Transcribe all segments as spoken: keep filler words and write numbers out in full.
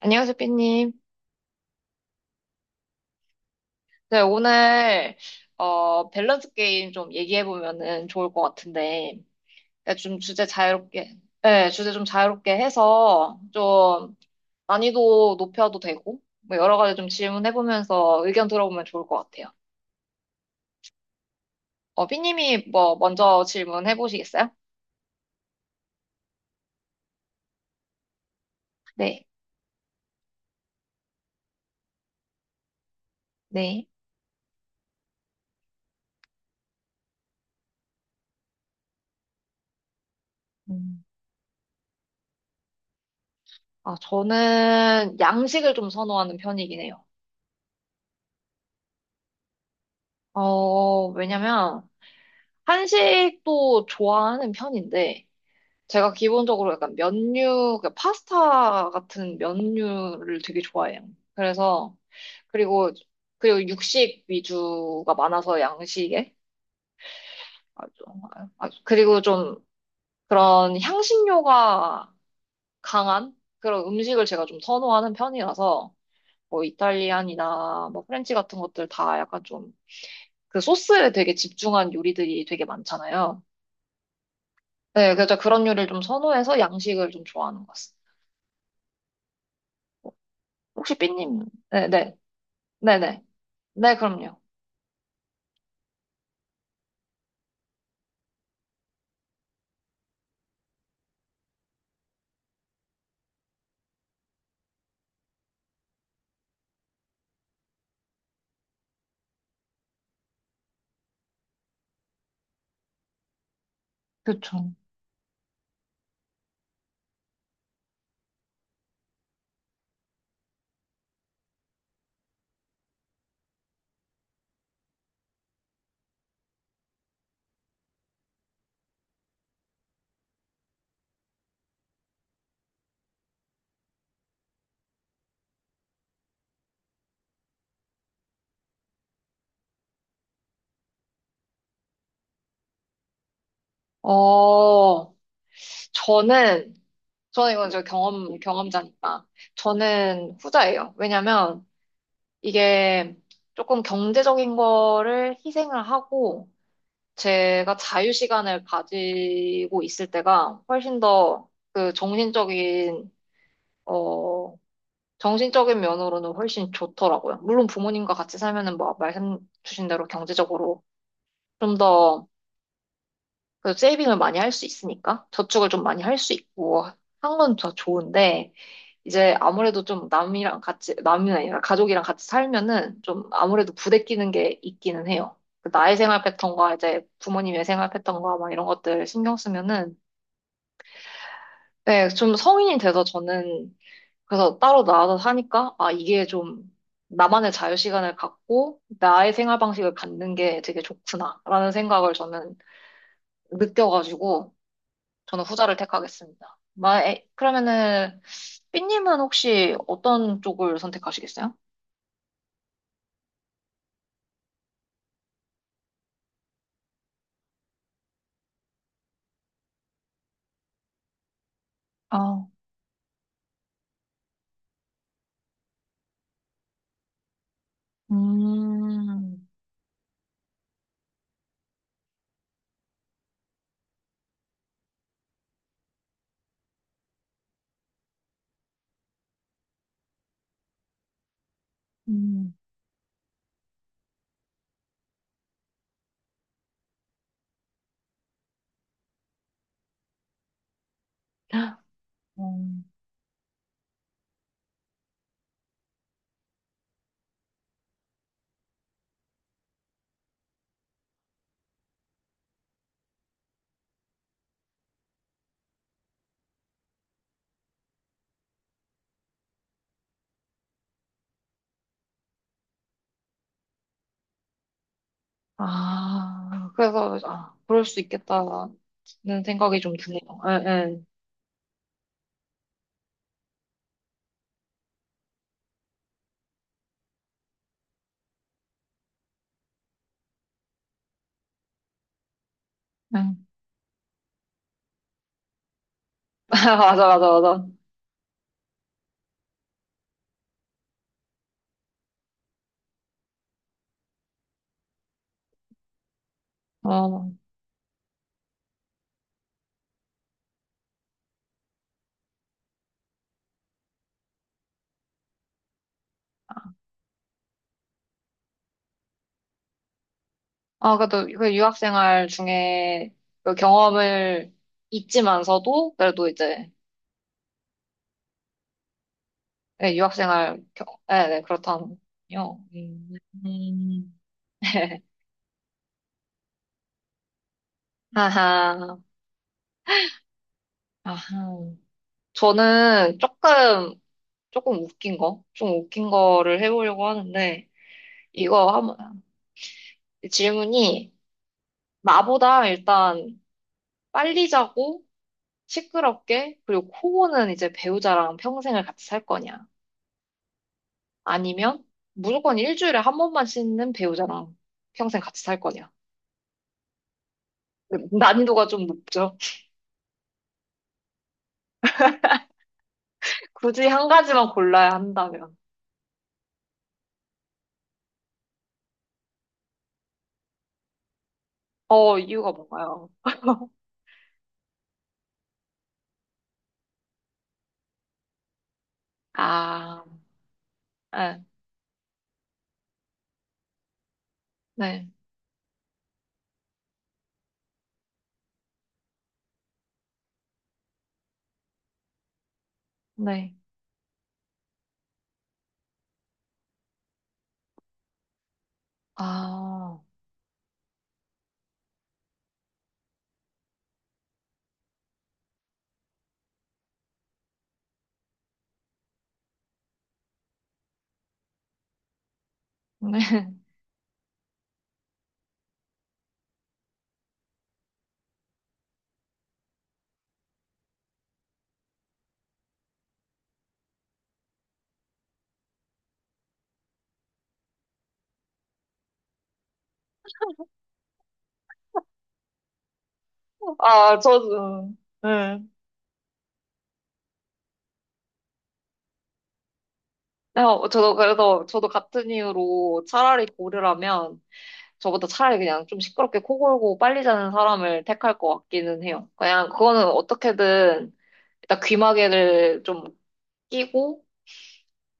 안녕하세요, 삐님. 네, 오늘, 어, 밸런스 게임 좀 얘기해보면은 좋을 것 같은데, 네, 좀 주제 자유롭게, 네, 주제 좀 자유롭게 해서, 좀 난이도 높여도 되고, 뭐 여러 가지 좀 질문해보면서 의견 들어보면 좋을 것 같아요. 어, 삐님이 뭐, 먼저 질문해보시겠어요? 네, 네. 음, 아, 저는 양식을 좀 선호하는 편이긴 해요. 어, 왜냐면, 한식도 좋아하는 편인데, 제가 기본적으로 약간 면류, 그 파스타 같은 면류를 되게 좋아해요. 그래서, 그리고, 그리고 육식 위주가 많아서 양식에. 아주, 아주, 그리고 좀 그런 향신료가 강한 그런 음식을 제가 좀 선호하는 편이라서, 뭐 이탈리안이나 뭐 프렌치 같은 것들 다 약간 좀 그 소스에 되게 집중한 요리들이 되게 많잖아요. 네, 그래서 그런 요리를 좀 선호해서 양식을 좀 좋아하는 것 같습니다. 혹시 삐님, 네, 네. 네네. 네, 그럼요. 그쵸. 어, 저는, 저는 이건 저 경험, 경험자니까. 저는 후자예요. 왜냐면 이게 조금 경제적인 거를 희생을 하고 제가 자유 시간을 가지고 있을 때가 훨씬 더 그 정신적인, 어, 정신적인 면으로는 훨씬 좋더라고요. 물론 부모님과 같이 살면은 뭐 말씀 주신 대로 경제적으로 좀더 그래서 세이빙을 많이 할 수 있으니까 저축을 좀 많이 할 수 있고 한 건 더 좋은데 이제 아무래도 좀 남이랑 같이 남이 아니라 가족이랑 같이 살면은 좀 아무래도 부대끼는 게 있기는 해요. 그 나의 생활 패턴과 이제 부모님의 생활 패턴과 막 이런 것들 신경 쓰면은 네, 좀 성인이 돼서 저는 그래서 따로 나와서 사니까 아 이게 좀 나만의 자유 시간을 갖고 나의 생활 방식을 갖는 게 되게 좋구나라는 생각을 저는 느껴가지고 저는 후자를 택하겠습니다. 마, 에, 그러면은 삐님은 혹시 어떤 쪽을 선택하시겠어요? 아, 음, 음, 음. 아, 그래서 아, 그럴 수 있겠다는 생각이 좀 드네요. 예, 예. 예. 맞아, 맞아, 맞아. 어, 아, 그래도 그 유학 생활 중에 그 경험을 잊지만서도 그래도 이제 예, 유학 생활, 경- 예, 네, 그렇다면요. 음. 음. 아하, 아하. 저는 조금, 조금 웃긴 거, 좀 웃긴 거를 해보려고 하는데, 이거 한번, 질문이, 나보다 일단 빨리 자고, 시끄럽게, 그리고 코고는 이제 배우자랑 평생을 같이 살 거냐? 아니면, 무조건 일주일에 한 번만 씻는 배우자랑 평생 같이 살 거냐? 난이도가 좀 높죠. 굳이 한 가지만 골라야 한다면. 어, 이유가 뭔가요? 아, 네, 네, 네. 아, 네. 아, 저도, 네. 네, 어, 저도 그래서, 저도 같은 이유로 차라리 고르라면, 저보다 차라리 그냥 좀 시끄럽게 코 골고 빨리 자는 사람을 택할 것 같기는 해요. 그냥 그거는 어떻게든, 일단 귀마개를 좀 끼고,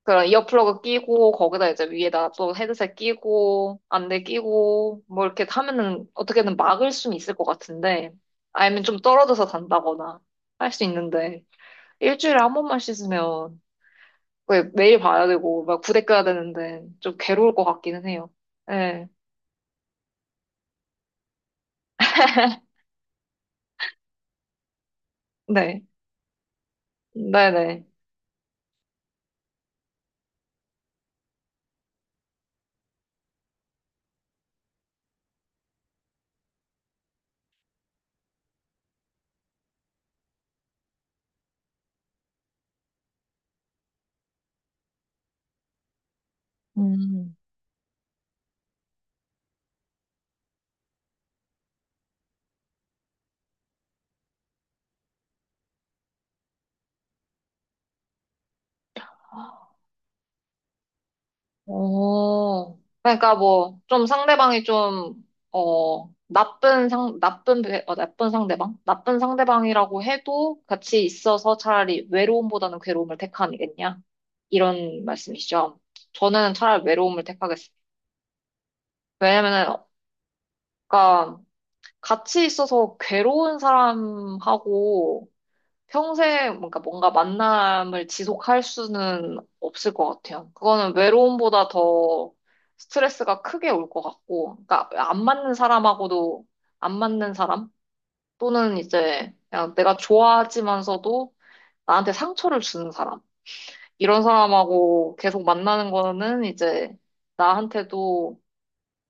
그런 이어플러그 끼고, 거기다 이제 위에다 또 헤드셋 끼고, 안대 끼고, 뭐 이렇게 하면은 어떻게든 막을 수는 있을 것 같은데, 아니면 좀 떨어져서 잔다거나 할 수 있는데, 일주일에 한 번만 씻으면 왜 매일 봐야 되고 막 부대 껴야 되는데 좀 괴로울 것 같기는 해요. 네, 네, 네네. 음. 오, 그러니까 뭐, 좀 상대방이 좀, 어, 나쁜 상, 나쁜, 배- 어, 나쁜 상대방? 나쁜 상대방이라고 해도 같이 있어서 차라리 외로움보다는 괴로움을 택하겠냐? 이런 말씀이시죠. 저는 차라리 외로움을 택하겠습니다. 왜냐면은, 그니까 같이 있어서 괴로운 사람하고 평생 뭔가 뭔가 만남을 지속할 수는 없을 것 같아요. 그거는 외로움보다 더 스트레스가 크게 올 것 같고, 그러니까 안 맞는 사람하고도 안 맞는 사람 또는 이제 그냥 내가 좋아하지만서도 나한테 상처를 주는 사람 이런 사람하고 계속 만나는 거는 이제 나한테도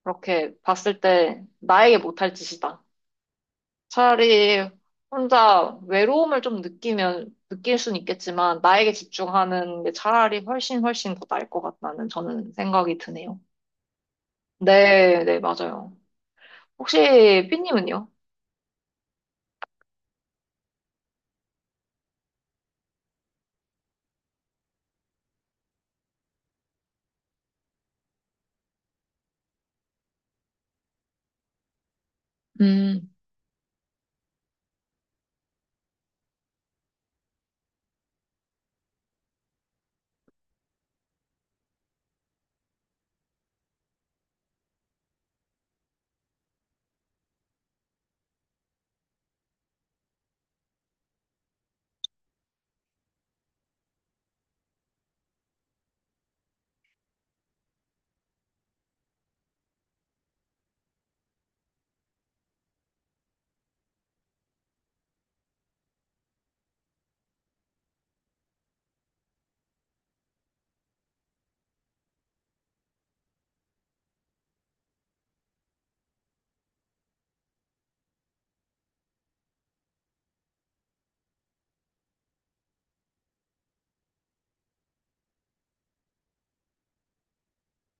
그렇게 봤을 때 나에게 못할 짓이다. 차라리 혼자 외로움을 좀 느끼면, 느낄 순 있겠지만, 나에게 집중하는 게 차라리 훨씬 훨씬 더 나을 것 같다는 저는 생각이 드네요. 네, 네, 맞아요. 혹시 삐님은요? 음,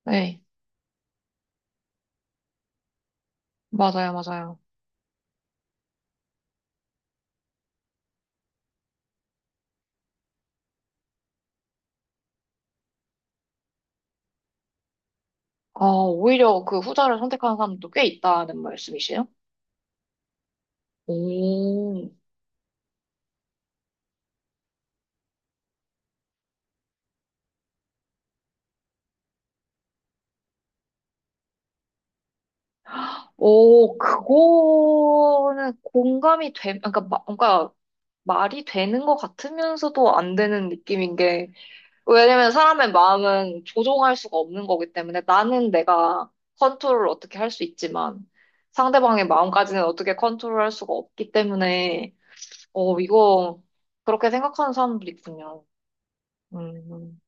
네, 맞아요, 맞아요. 아, 오히려 그 후자를 선택하는 사람도 꽤 있다는 말씀이시에요? 오, 오, 그거는 공감이 되, 그러니까, 마- 그러니까 말이 되는 것 같으면서도 안 되는 느낌인 게, 왜냐면 사람의 마음은 조종할 수가 없는 거기 때문에 나는 내가 컨트롤을 어떻게 할 수 있지만 상대방의 마음까지는 어떻게 컨트롤할 수가 없기 때문에 어 이거 그렇게 생각하는 사람들이 있군요. 음.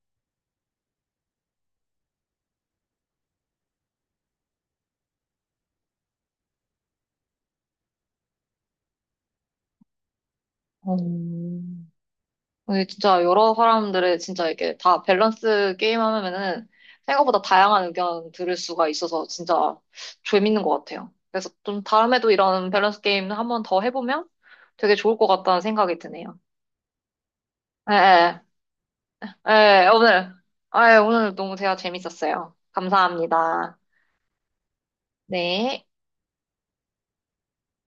음, 근데 진짜 여러 사람들의 진짜 이게 다 밸런스 게임 하면은 생각보다 다양한 의견 들을 수가 있어서 진짜 재밌는 것 같아요. 그래서 좀 다음에도 이런 밸런스 게임 한번 더 해보면 되게 좋을 것 같다는 생각이 드네요. 예, 예, 예, 오늘, 아, 예, 오늘 너무 대화 재밌었어요. 감사합니다. 네.